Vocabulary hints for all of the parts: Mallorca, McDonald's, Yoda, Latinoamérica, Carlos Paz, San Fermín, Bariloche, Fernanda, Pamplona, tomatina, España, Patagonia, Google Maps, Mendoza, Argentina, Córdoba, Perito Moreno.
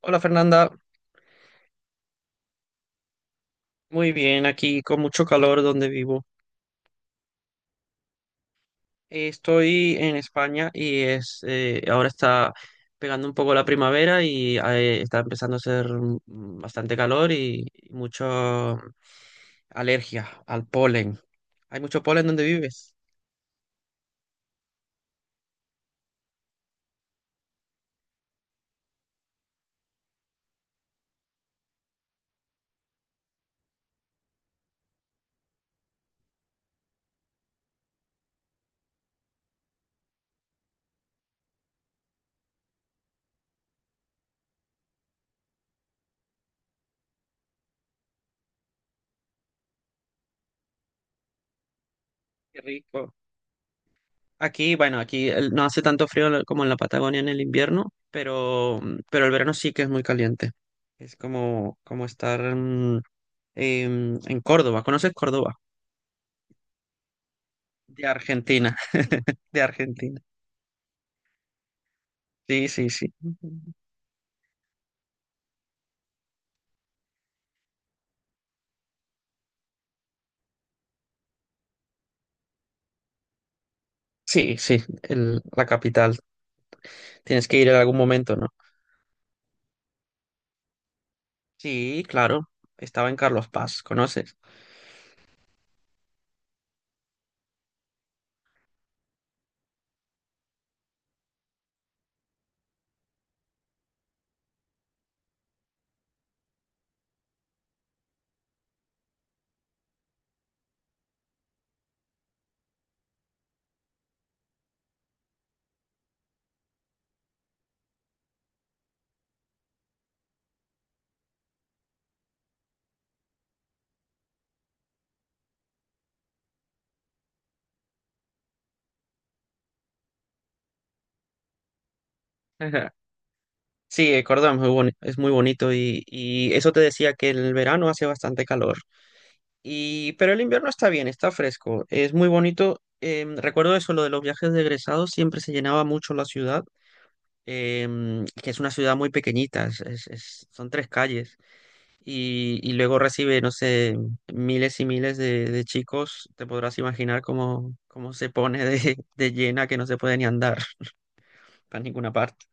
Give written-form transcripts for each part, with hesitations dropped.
Hola Fernanda, muy bien, aquí con mucho calor donde vivo. Estoy en España y es ahora está pegando un poco la primavera y está empezando a hacer bastante calor y mucho alergia al polen. ¿Hay mucho polen donde vives? Qué rico. Aquí, bueno, no hace tanto frío en como en la Patagonia en el invierno, pero el verano sí que es muy caliente. Es como, como estar en Córdoba. ¿Conoces Córdoba? De Argentina, de Argentina. Sí, sí, sí. Sí, sí, la capital. Tienes que ir en algún momento, ¿no? Sí, claro. Estaba en Carlos Paz, ¿conoces? Ajá. Sí, Córdoba es es muy bonito y eso te decía que el verano hace bastante calor. Y, pero el invierno está bien, está fresco, es muy bonito. Recuerdo eso, lo de los viajes de egresados, siempre se llenaba mucho la ciudad, que es una ciudad muy pequeñita, son tres calles. Y, y luego recibe, no sé, miles y miles de chicos, te podrás imaginar cómo, cómo se pone de, de llena que no se puede ni andar para ninguna parte.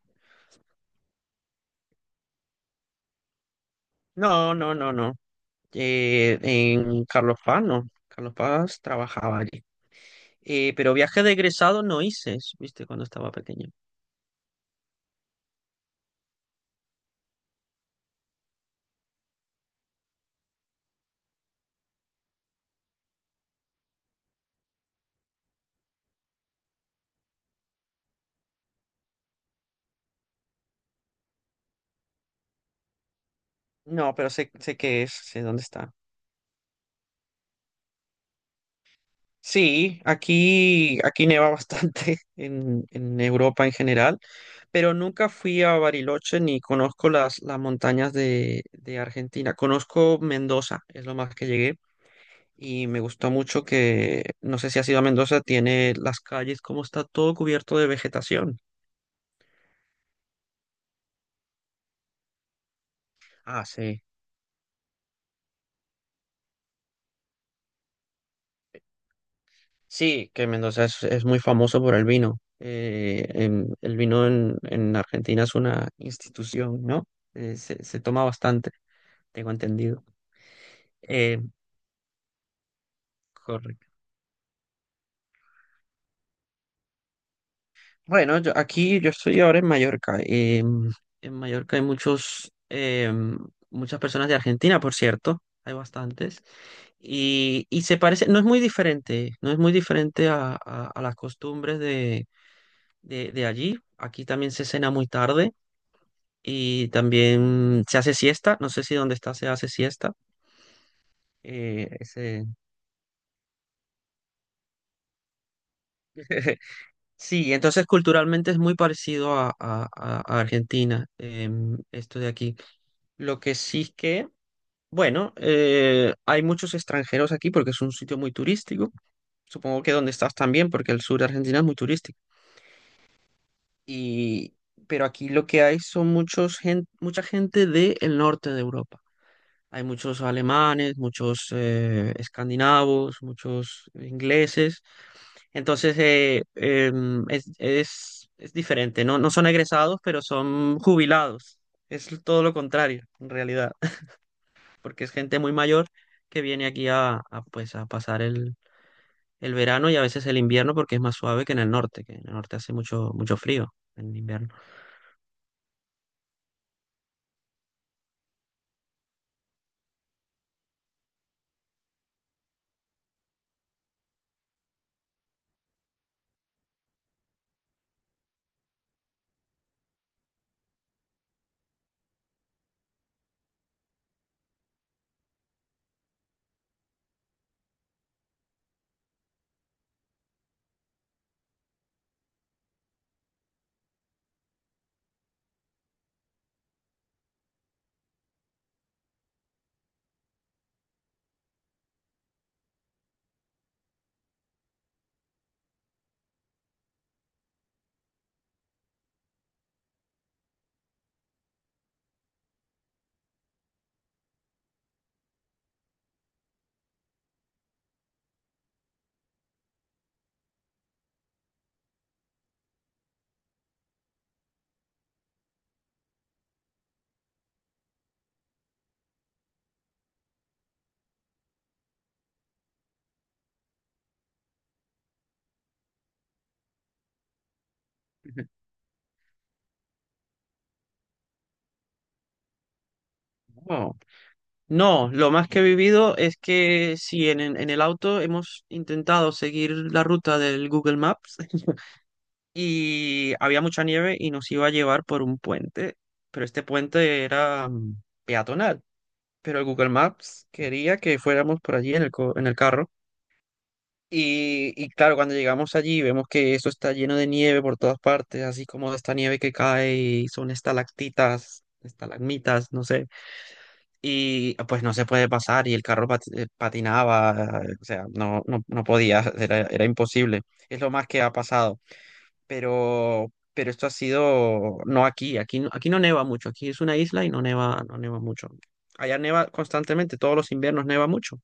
No, no, no, no. En Carlos Paz, no. Carlos Paz trabajaba allí. Pero viaje de egresado no hice, viste, cuando estaba pequeño. No, pero sé, sé qué es, sé dónde está. Sí, aquí, aquí neva bastante en Europa en general. Pero nunca fui a Bariloche ni conozco las montañas de Argentina. Conozco Mendoza, es lo más que llegué. Y me gustó mucho que, no sé si has ido a Mendoza, tiene las calles, como está todo cubierto de vegetación. Ah, sí. Sí, que Mendoza es muy famoso por el vino. El vino en Argentina es una institución, ¿no? Se, se toma bastante, tengo entendido. Eh, Correcto. Bueno, yo, aquí yo estoy ahora en Mallorca. En Mallorca hay muchos, muchas personas de Argentina, por cierto. Hay bastantes. Y se parece, no es muy diferente, no es muy diferente a las costumbres de allí. Aquí también se cena muy tarde y también se hace siesta. No sé si donde está se hace siesta. Eh, ese- Sí, entonces culturalmente es muy parecido a Argentina, esto de aquí. Lo que sí es que bueno, hay muchos extranjeros aquí porque es un sitio muy turístico. Supongo que donde estás también, porque el sur de Argentina es muy turístico. Y, pero aquí lo que hay son mucha gente del norte de Europa. Hay muchos alemanes, muchos escandinavos, muchos ingleses. Entonces es diferente. No, no son egresados, pero son jubilados. Es todo lo contrario, en realidad, porque es gente muy mayor que viene aquí a, pues, a pasar el verano y a veces el invierno porque es más suave que en el norte, que en el norte hace mucho, mucho frío en invierno. No, no, lo más que he vivido es que sí en el auto hemos intentado seguir la ruta del Google Maps y había mucha nieve y nos iba a llevar por un puente, pero este puente era peatonal. Pero el Google Maps quería que fuéramos por allí en en el carro. Y claro, cuando llegamos allí vemos que eso está lleno de nieve por todas partes, así como esta nieve que cae y son estalactitas, estalagmitas, no sé. Y pues no se puede pasar y el carro patinaba, o sea, no, no, no podía, era, era imposible. Es lo más que ha pasado. Pero esto ha sido, no aquí, aquí, aquí no neva mucho, aquí es una isla y no neva, no neva mucho. Allá neva constantemente, todos los inviernos neva mucho.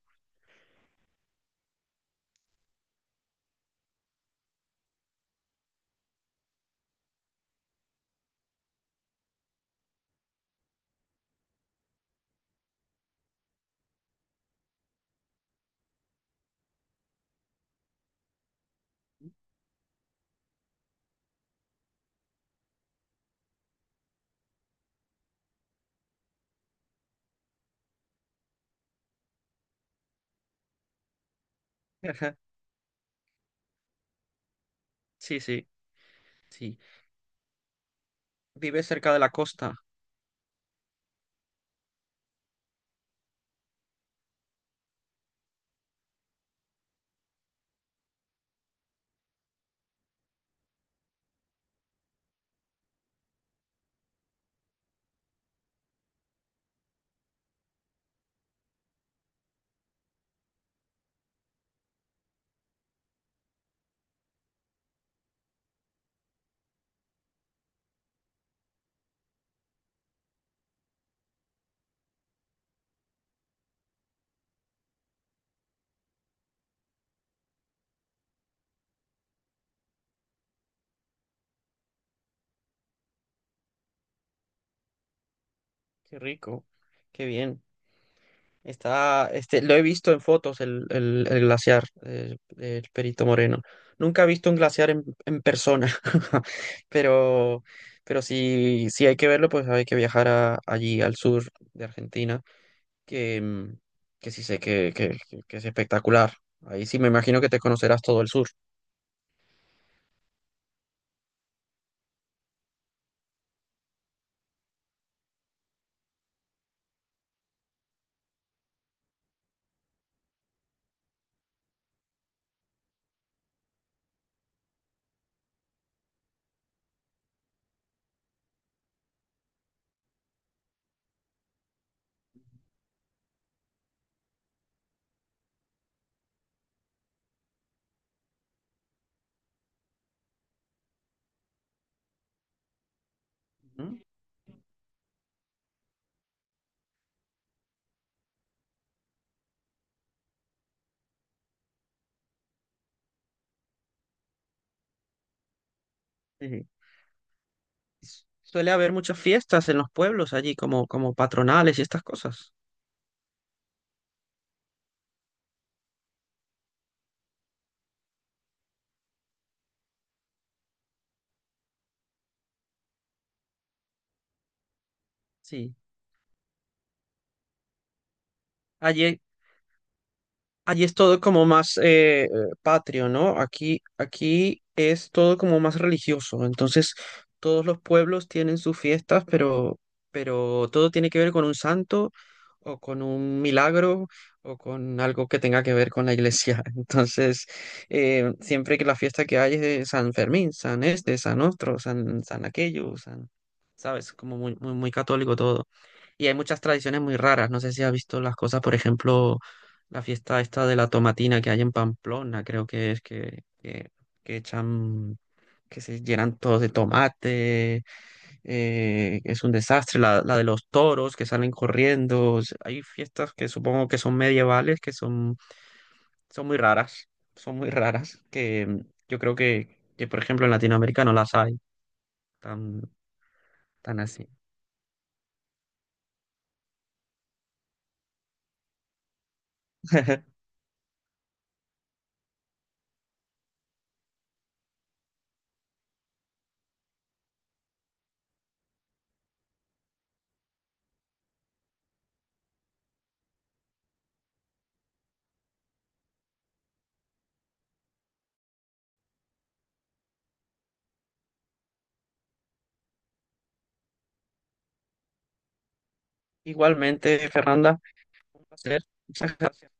Sí, sí, sí. Vive cerca de la costa. Qué rico, qué bien. Está, este, lo he visto en fotos el glaciar del Perito Moreno. Nunca he visto un glaciar en persona, pero, pero si, si hay que verlo, pues hay que viajar allí al sur de Argentina, que, que sí sé que, que es espectacular. Ahí sí me imagino que te conocerás todo el sur. Ujú. Sí, sí. Suele haber muchas fiestas en los pueblos allí, como, como patronales y estas cosas. Sí. Allí, allí es todo como más patrio, ¿no? Aquí, aquí es todo como más religioso. Entonces, todos los pueblos tienen sus fiestas, pero todo tiene que ver con un santo o con un milagro o con algo que tenga que ver con la iglesia. Entonces, siempre que la fiesta que hay es de San Fermín, San Este, San Otro, San, San aquello, San, ¿sabes? Como muy, muy, muy católico todo. Y hay muchas tradiciones muy raras. No sé si has visto las cosas, por ejemplo la fiesta esta de la tomatina que hay en Pamplona, creo que es que echan, que se llenan todos de tomate, es un desastre. La de los toros que salen corriendo. O sea, hay fiestas que supongo que son medievales, que son, son muy raras, son muy raras, que yo creo que, por ejemplo, en Latinoamérica no las hay tan, tan así. Igualmente, Fernanda, un placer. Muchas gracias.